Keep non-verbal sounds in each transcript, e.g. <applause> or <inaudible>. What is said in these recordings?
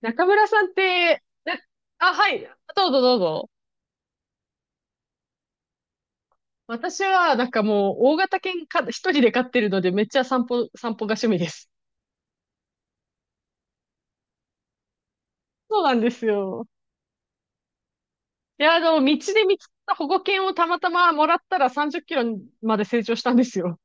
中村さんって、なあ、はい。どうぞどうぞ。私は、なんかもう、大型犬か、一人で飼ってるので、めっちゃ散歩が趣味です。そうなんですよ。いや、道で見つけた保護犬をたまたまもらったら30キロまで成長したんですよ。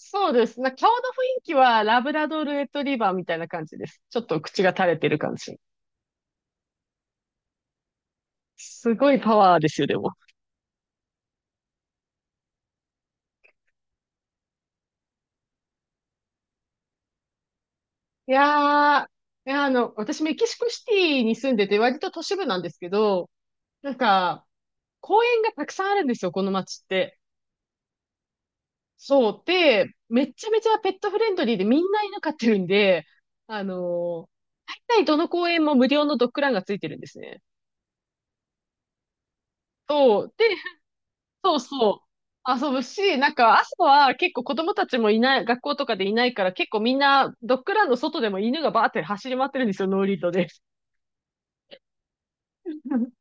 そうです。顔の雰囲気は、ラブラドールレトリバーみたいな感じです。ちょっと口が垂れてる感じ。すごいパワーですよ、でも。いやー、いや、私メキシコシティに住んでて、割と都市部なんですけど、なんか、公園がたくさんあるんですよ、この町って。そう。で、めっちゃめちゃペットフレンドリーでみんな犬飼ってるんで、あのー大体どの公園も無料のドッグランがついてるんですね。そう。で、そうそう。遊ぶし、なんか朝は結構子供たちもいない、学校とかでいないから結構みんなドッグランの外でも犬がバーって走り回ってるんですよ、ノーリードで。<laughs>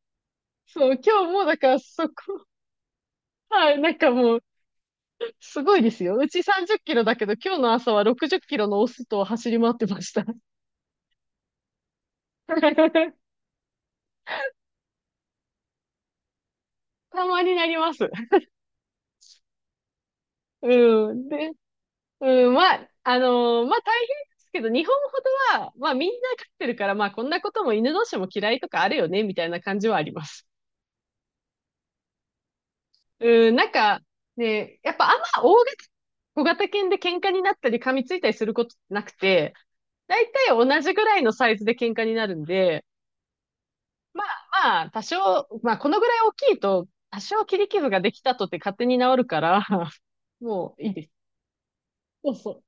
そう、今日もだからそこ、はい、なんかもうすごいですよ。うち30キロだけど、今日の朝は60キロのオスと走り回ってました。<laughs> たまになります。うん。で、うん、まあ、まあ大変ですけど、日本ほどは、まあみんな飼ってるから、まあこんなことも犬同士も嫌いとかあるよね、みたいな感じはあります。うん、なんか、ね、やっぱあんま大型、小型犬で喧嘩になったり噛みついたりすることなくて、だいたい同じぐらいのサイズで喧嘩になるんで、まあ、多少、まあ、このぐらい大きいと、多少切り傷ができたとって勝手に治るから、<laughs> もういいです。そうそう。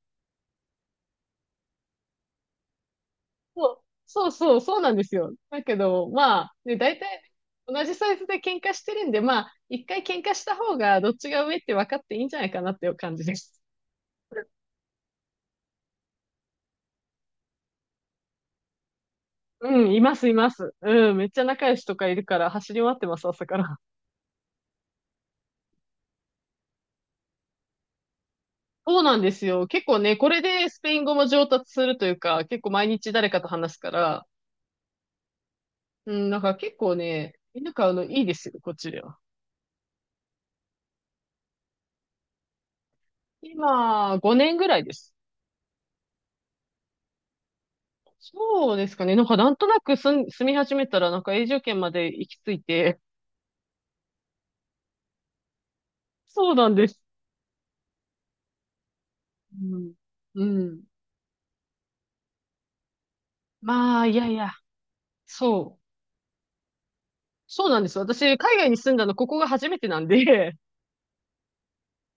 そうそうそう、そうなんですよ。だけど、まあ、ね、大体同じサイズで喧嘩してるんで、まあ、一回喧嘩した方がどっちが上って分かっていいんじゃないかなっていう感じです。<laughs> うん、います、います。うん、めっちゃ仲良しとかいるから走り回ってます、朝から。そうなんですよ。結構ね、これでスペイン語も上達するというか、結構毎日誰かと話すから、うん、なんか結構ね、犬飼うのいいですよ、こっちでは。今、5年ぐらいです。そうですかね。なんかなんとなく住み始めたら、なんか永住権まで行き着いて、そうなんです。うん。うん。まあ、いやいや、そう。そうなんです。私、海外に住んだの、ここが初めてなんで、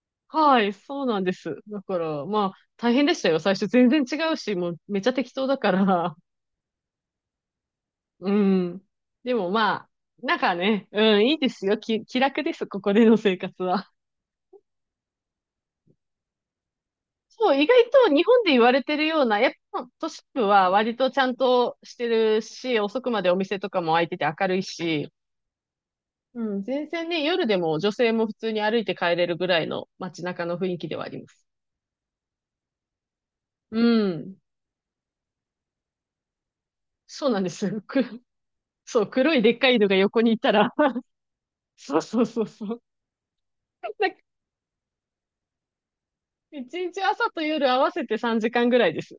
<laughs> はい、そうなんです。だから、まあ、大変でしたよ。最初全然違うし、もうめっちゃ適当だから。うん。でもまあ、なんかね、うん、いいですよ。気楽です、ここでの生活は。<laughs> そう、意外と日本で言われてるような、やっぱ都市部は割とちゃんとしてるし、遅くまでお店とかも開いてて明るいし、うん、全然ね、夜でも女性も普通に歩いて帰れるぐらいの街中の雰囲気ではあります。うん。そうなんです。そう、黒いでっかいのが横にいたら <laughs> そうそうそうそう。なんか一日朝と夜合わせて3時間ぐらいです。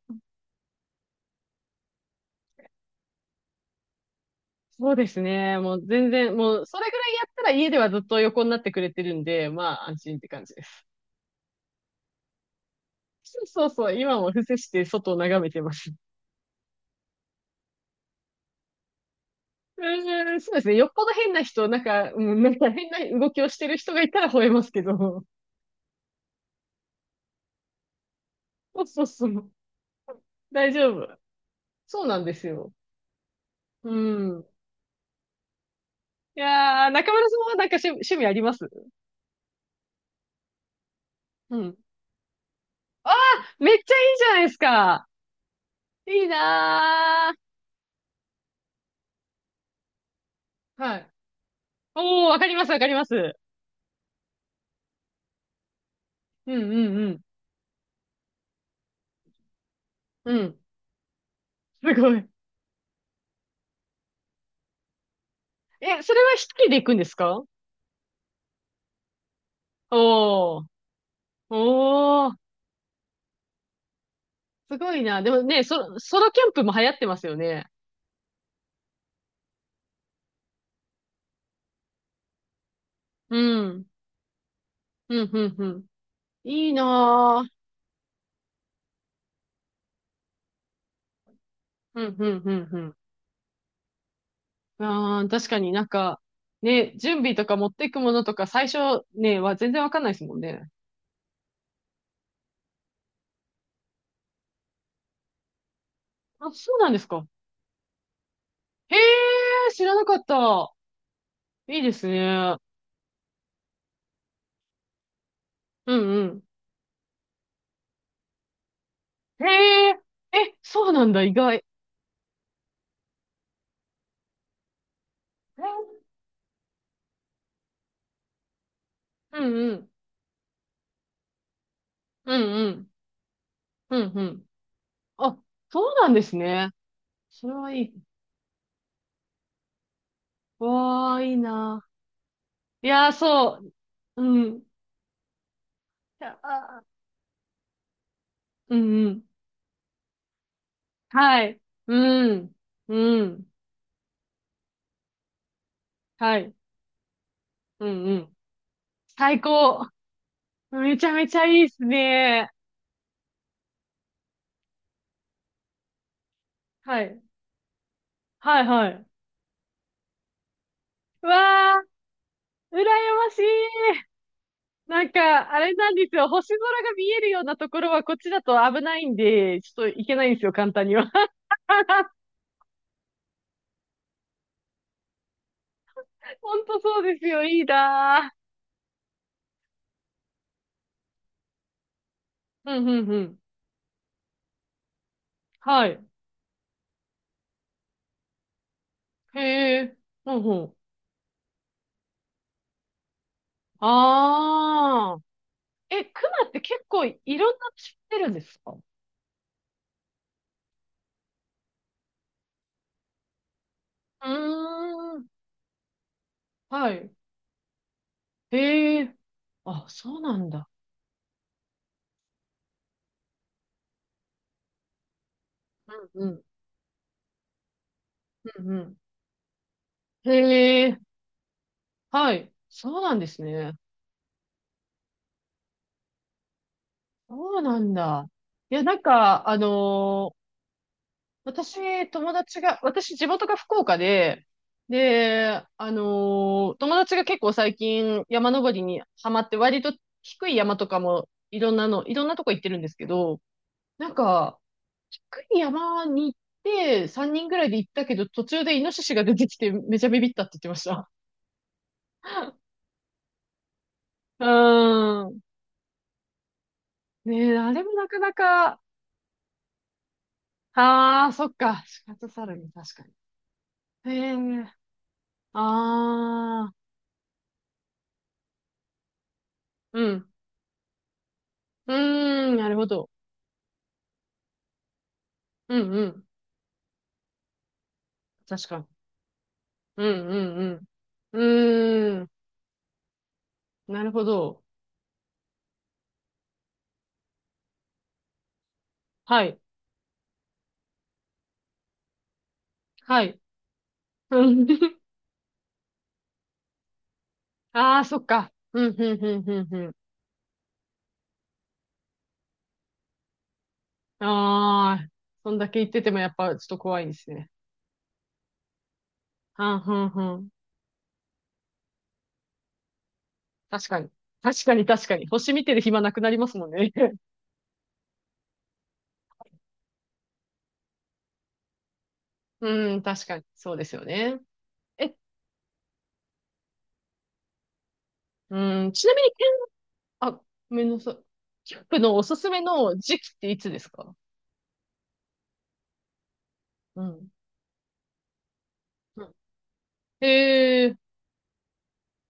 そうですね。もう全然、もうそれぐらいやったら家ではずっと横になってくれてるんで、まあ安心って感じです。そうそうそう、今も伏せして外を眺めてます。うーん、そうですね。よっぽど変な人、なんか、うん、なんか変な動きをしてる人がいたら吠えますけど。そうそうそう。大丈夫。そうなんですよ。うん。いやー、中村さんはなんか趣味あります？うん。あー、めっちゃいいじゃないですか。いいなー。はい。おー、わかります、わかります。うん、うん、うん。うん。すごい。え、それは一人で行くんですか？おー。おー。すごいな。でもね、ソロキャンプも流行ってますよね。うん。うん、うん、うん。いいなぁ。うん、うん、うん、うん。あー、確かになんか、ね、準備とか持っていくものとか最初ね、は全然わかんないですもんね。あ、そうなんですか。へー、知らなかった。いいですね。うん、うん。へー。え、そうなんだ、意外。うん、うん。うん、うん。うん、うん。あ、そうなんですね。それはいい。わあ、いいな。いやー、そう。うん。いやあ、あうんうん。はい。うん。うん。はい。うんうん。最高。めちゃめちゃいいっすね。はい。はいはい。うわあ、羨ましい。なんか、あれなんですよ。星空が見えるようなところはこっちだと危ないんで、ちょっと行けないんですよ、簡単には。<laughs> ほんとそうですよ。いいなー。うんうんうん。はい。へえ、ほうほう。ああ。え、クマって結構いろんな種知ってるんですか？うーん。はい。へえ。あ、そうなんだ。うんうん。うんうん。へえ。はい。そうなんですね。そうなんだ。いや、なんか、私、友達が、私、地元が福岡で、で、友達が結構最近山登りにハマって、割と低い山とかもいろんなの、いろんなとこ行ってるんですけど、なんか、低い山に行って、3人ぐらいで行ったけど、途中でイノシシが出てきて、めちゃビビったって言ってました。うーん。ねえ、あれもなかなか、ああ、そっか。死活サルに確かに。へえ、ああ、うん。うーん、なるほど。うんうん。確かに。うんうんうん。うーん。なるほど。はい。はい。あ <laughs> あー、そっか。うん、うん、うん、うん、うん。ああ、そんだけ言っててもやっぱちょっと怖いですね。はん、はん、はん。確かに。確かに、確かに。星見てる暇なくなりますもんね。<laughs> うん、確かに。そうですよね。え、うん、ちなみに、あ、ごめんなさい。キャンプのおすすめの時期っていつですか？うん。うんええー、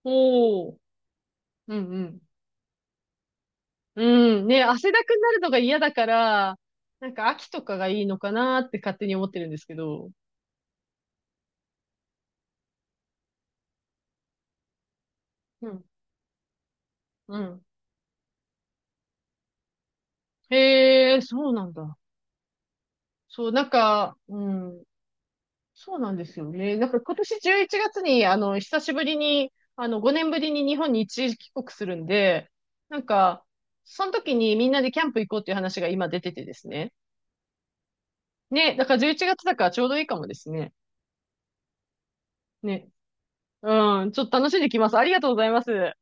おー。うん、うん。うん。ね、汗だくになるのが嫌だから、なんか秋とかがいいのかなって勝手に思ってるんですけど。うん。うん。へえ、そうなんだ。そう、なんか、うん。そうなんですよね。なんか今年11月に、あの、久しぶりに、あの、5年ぶりに日本に一時帰国するんで、なんか、その時にみんなでキャンプ行こうっていう話が今出ててですね。ね、だから11月だからちょうどいいかもですね。ね。うん、ちょっと楽しんできます。ありがとうございます。